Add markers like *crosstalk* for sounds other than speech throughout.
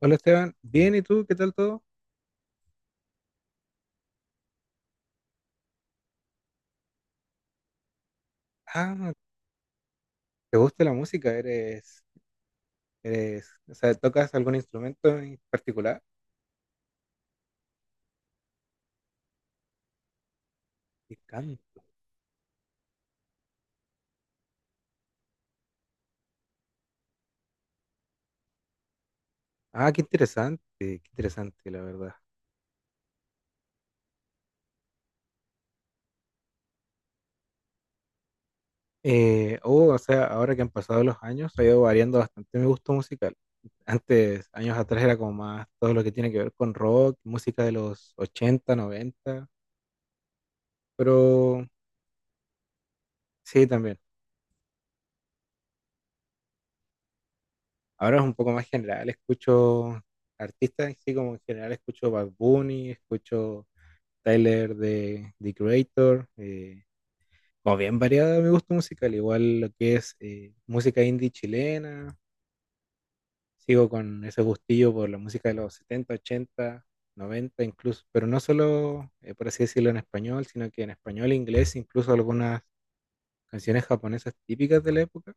Hola Esteban, bien, ¿y tú? ¿Qué tal todo? Ah, ¿te gusta la música? ¿ o sea, ¿tocas algún instrumento en particular? Y can- Ah, qué interesante, la verdad. Oh, o sea, ahora que han pasado los años, ha ido variando bastante mi gusto musical. Antes, años atrás, era como más todo lo que tiene que ver con rock, música de los 80, 90, pero sí, también. Ahora es un poco más general, escucho artistas, sí, como en general escucho Bad Bunny, escucho Tyler de The Creator, como bien variada mi gusto musical, igual lo que es música indie chilena, sigo con ese gustillo por la música de los 70, 80, 90 incluso, pero no solo, por así decirlo, en español, sino que en español, e inglés, incluso algunas canciones japonesas típicas de la época.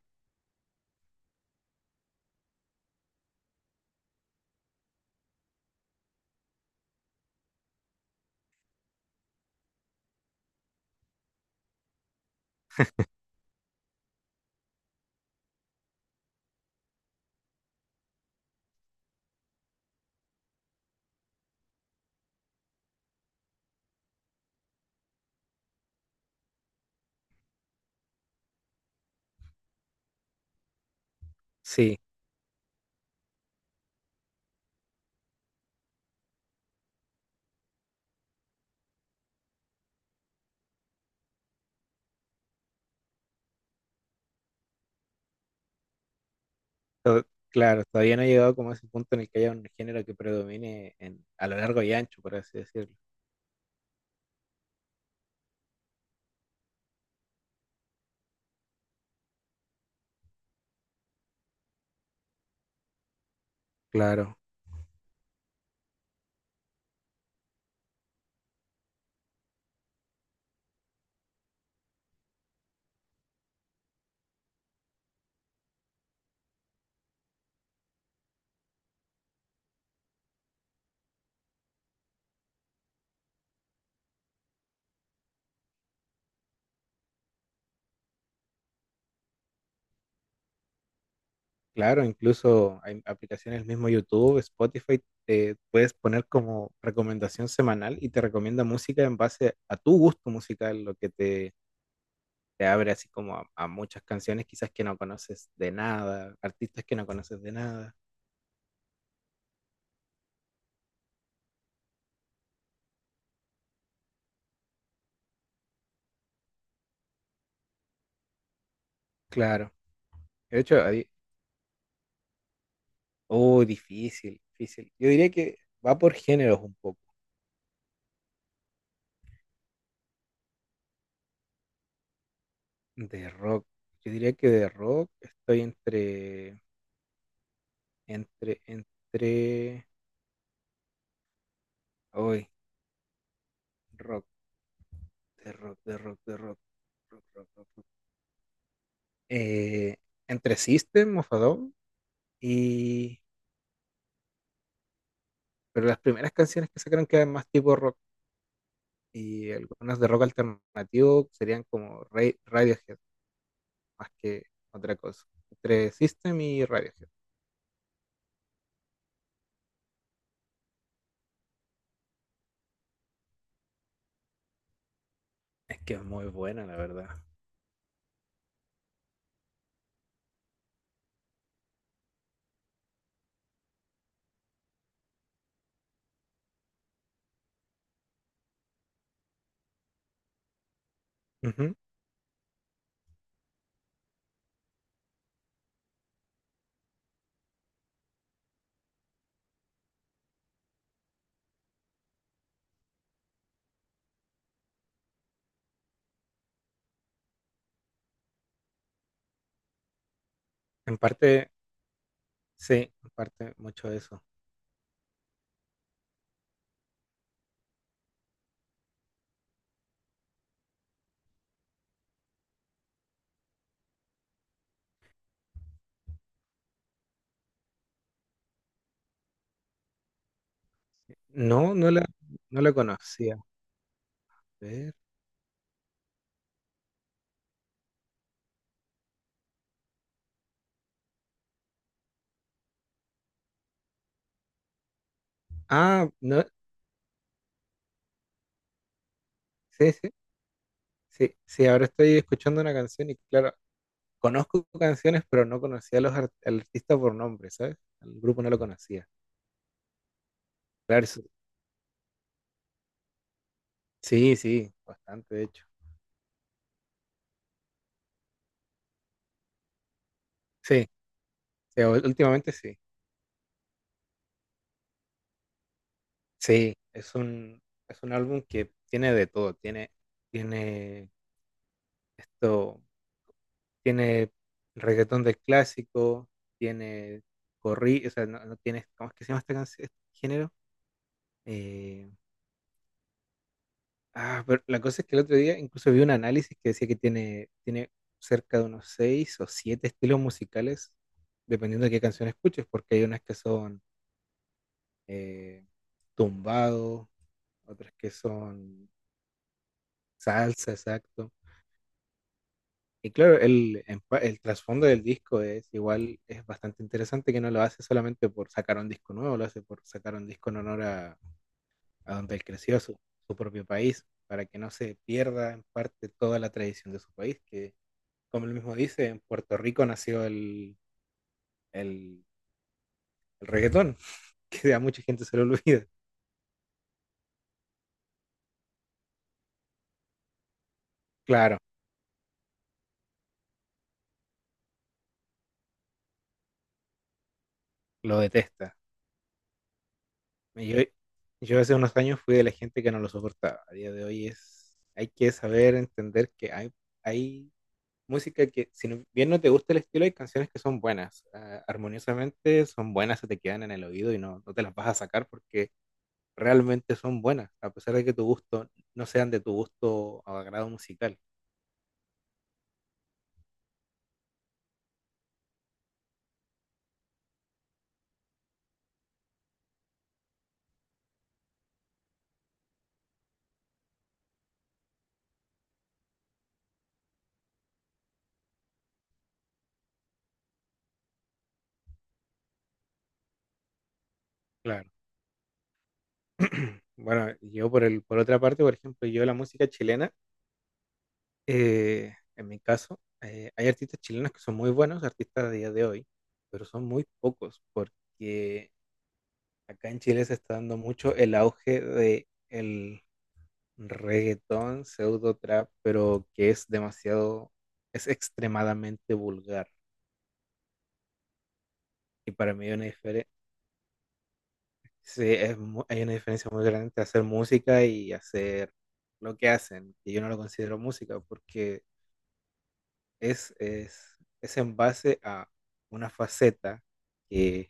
Sí, claro, todavía no he llegado como a ese punto en el que haya un género que predomine a lo largo y ancho, por así decirlo. Claro. Claro, incluso hay aplicaciones, mismo YouTube, Spotify, te puedes poner como recomendación semanal y te recomienda música en base a tu gusto musical, te abre así como a muchas canciones quizás que no conoces de nada, artistas que no conoces de nada. Claro, de hecho, ahí, oh, difícil, difícil. Yo diría que va por géneros un poco, de rock. Yo diría que de rock estoy entre hoy, rock. De rock, de rock, de rock. Rock, rock, rock, rock. Eh, entre System of a Down y... Pero las primeras canciones que sacaron quedan más tipo rock y algunas de rock alternativo serían como Radiohead, más que otra cosa. Entre System y Radiohead. Es que es muy buena, la verdad. Ujú. En parte, sí, en parte mucho de eso. No, no la, no la conocía. A ver. Ah, no, sí, sí, sí, sí, ahora estoy escuchando una canción y claro, conozco canciones, pero no conocía a al artista por nombre, ¿sabes? El grupo no lo conocía. Claro, sí, sí, bastante, de hecho. Sí, sí, últimamente sí. Sí, es un álbum que tiene de todo. Tiene esto, tiene reggaetón del clásico, tiene o sea, no, no tiene, ¿cómo es que se llama este, este género? Eh, Ah, pero la cosa es que el otro día incluso vi un análisis que decía que tiene cerca de unos seis o siete estilos musicales, dependiendo de qué canción escuches, porque hay unas que son eh, tumbado, otras que son salsa, exacto. Y claro, el trasfondo del disco es igual, es bastante interesante que no lo hace solamente por sacar un disco nuevo, lo hace por sacar un disco en honor a donde él creció, a su propio país, para que no se pierda en parte toda la tradición de su país, que como él mismo dice, en Puerto Rico nació el, el reggaetón, *laughs* que a mucha gente se lo olvida. Claro, lo detesta. Y Yo, yo hace unos años fui de la gente que no lo soportaba. A día de hoy es, hay que saber entender que hay música que, bien no te gusta el estilo, hay canciones que son buenas. Ah, armoniosamente son buenas, se te quedan en el oído y no, no te las vas a sacar porque realmente son buenas, a pesar de que tu gusto no sean de tu gusto o agrado musical. Claro. Bueno, yo por otra parte, por ejemplo, yo la música chilena, en mi caso, hay artistas chilenos que son muy buenos, artistas a día de hoy, pero son muy pocos, porque acá en Chile se está dando mucho el auge de el reggaetón, pseudo trap, pero que es demasiado, es extremadamente vulgar. Y para mí hay una diferencia muy grande entre hacer música y hacer lo que hacen, que yo no lo considero música, porque es en base a una faceta que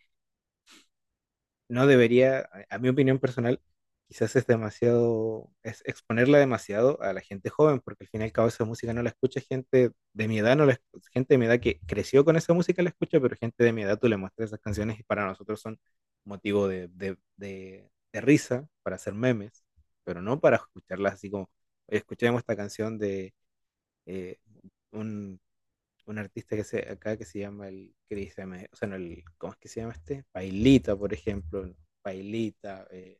no debería, a mi opinión personal, quizás es demasiado, es exponerla demasiado a la gente joven, porque al fin y al cabo esa música no la escucha gente de mi edad, no la, escu- gente de mi edad que creció con esa música la escucha, pero gente de mi edad tú le muestras esas canciones y para nosotros son motivo de risa, para hacer memes, pero no para escucharlas así como, "Oye, escuchemos esta canción de... eh, un un artista que acá que se llama el Chris M. O sea, no, el, ¿cómo es que se llama este? Pailita, por ejemplo. ¿No? Pailita,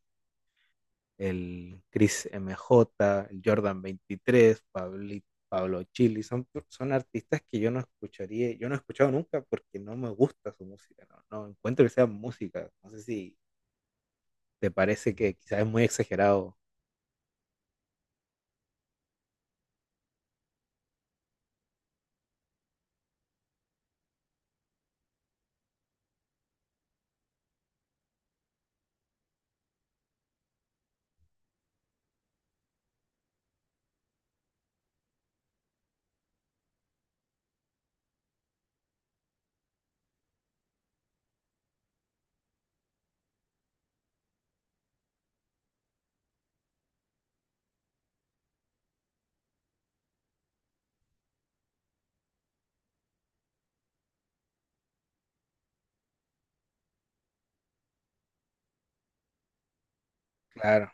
el Chris M J el Jordan 23, Pablito. Pablo Chili, son artistas que yo no escucharía, yo no he escuchado nunca porque no me gusta su música, no, no encuentro que sea música, no sé si te parece que quizás es muy exagerado, claro,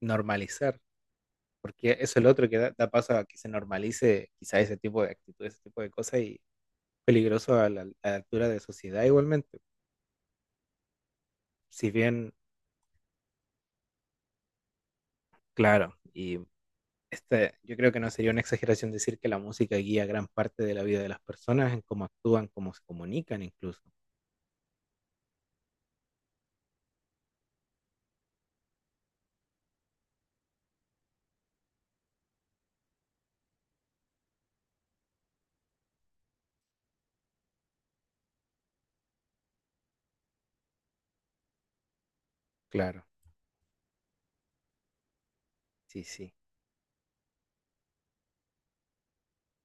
normalizar, porque eso es lo otro que da, da paso a que se normalice quizás ese tipo de actitudes, ese tipo de cosas y peligroso a a la altura de sociedad igualmente. Si bien, claro, y este, yo creo que no sería una exageración decir que la música guía gran parte de la vida de las personas en cómo actúan, cómo se comunican incluso. Claro, sí, sí.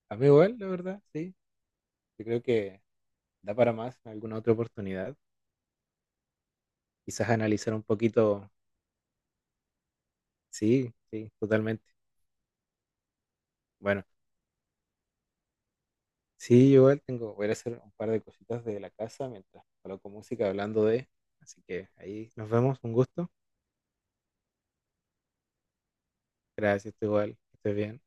A mí igual, la verdad, sí. Yo creo que da para más en alguna otra oportunidad. Quizás analizar un poquito, sí, sí, totalmente. Bueno, sí, yo igual tengo, voy a ir a hacer un par de cositas de la casa mientras coloco música hablando de, así que ahí nos vemos, un gusto. Gracias, tú igual. Que estés bien.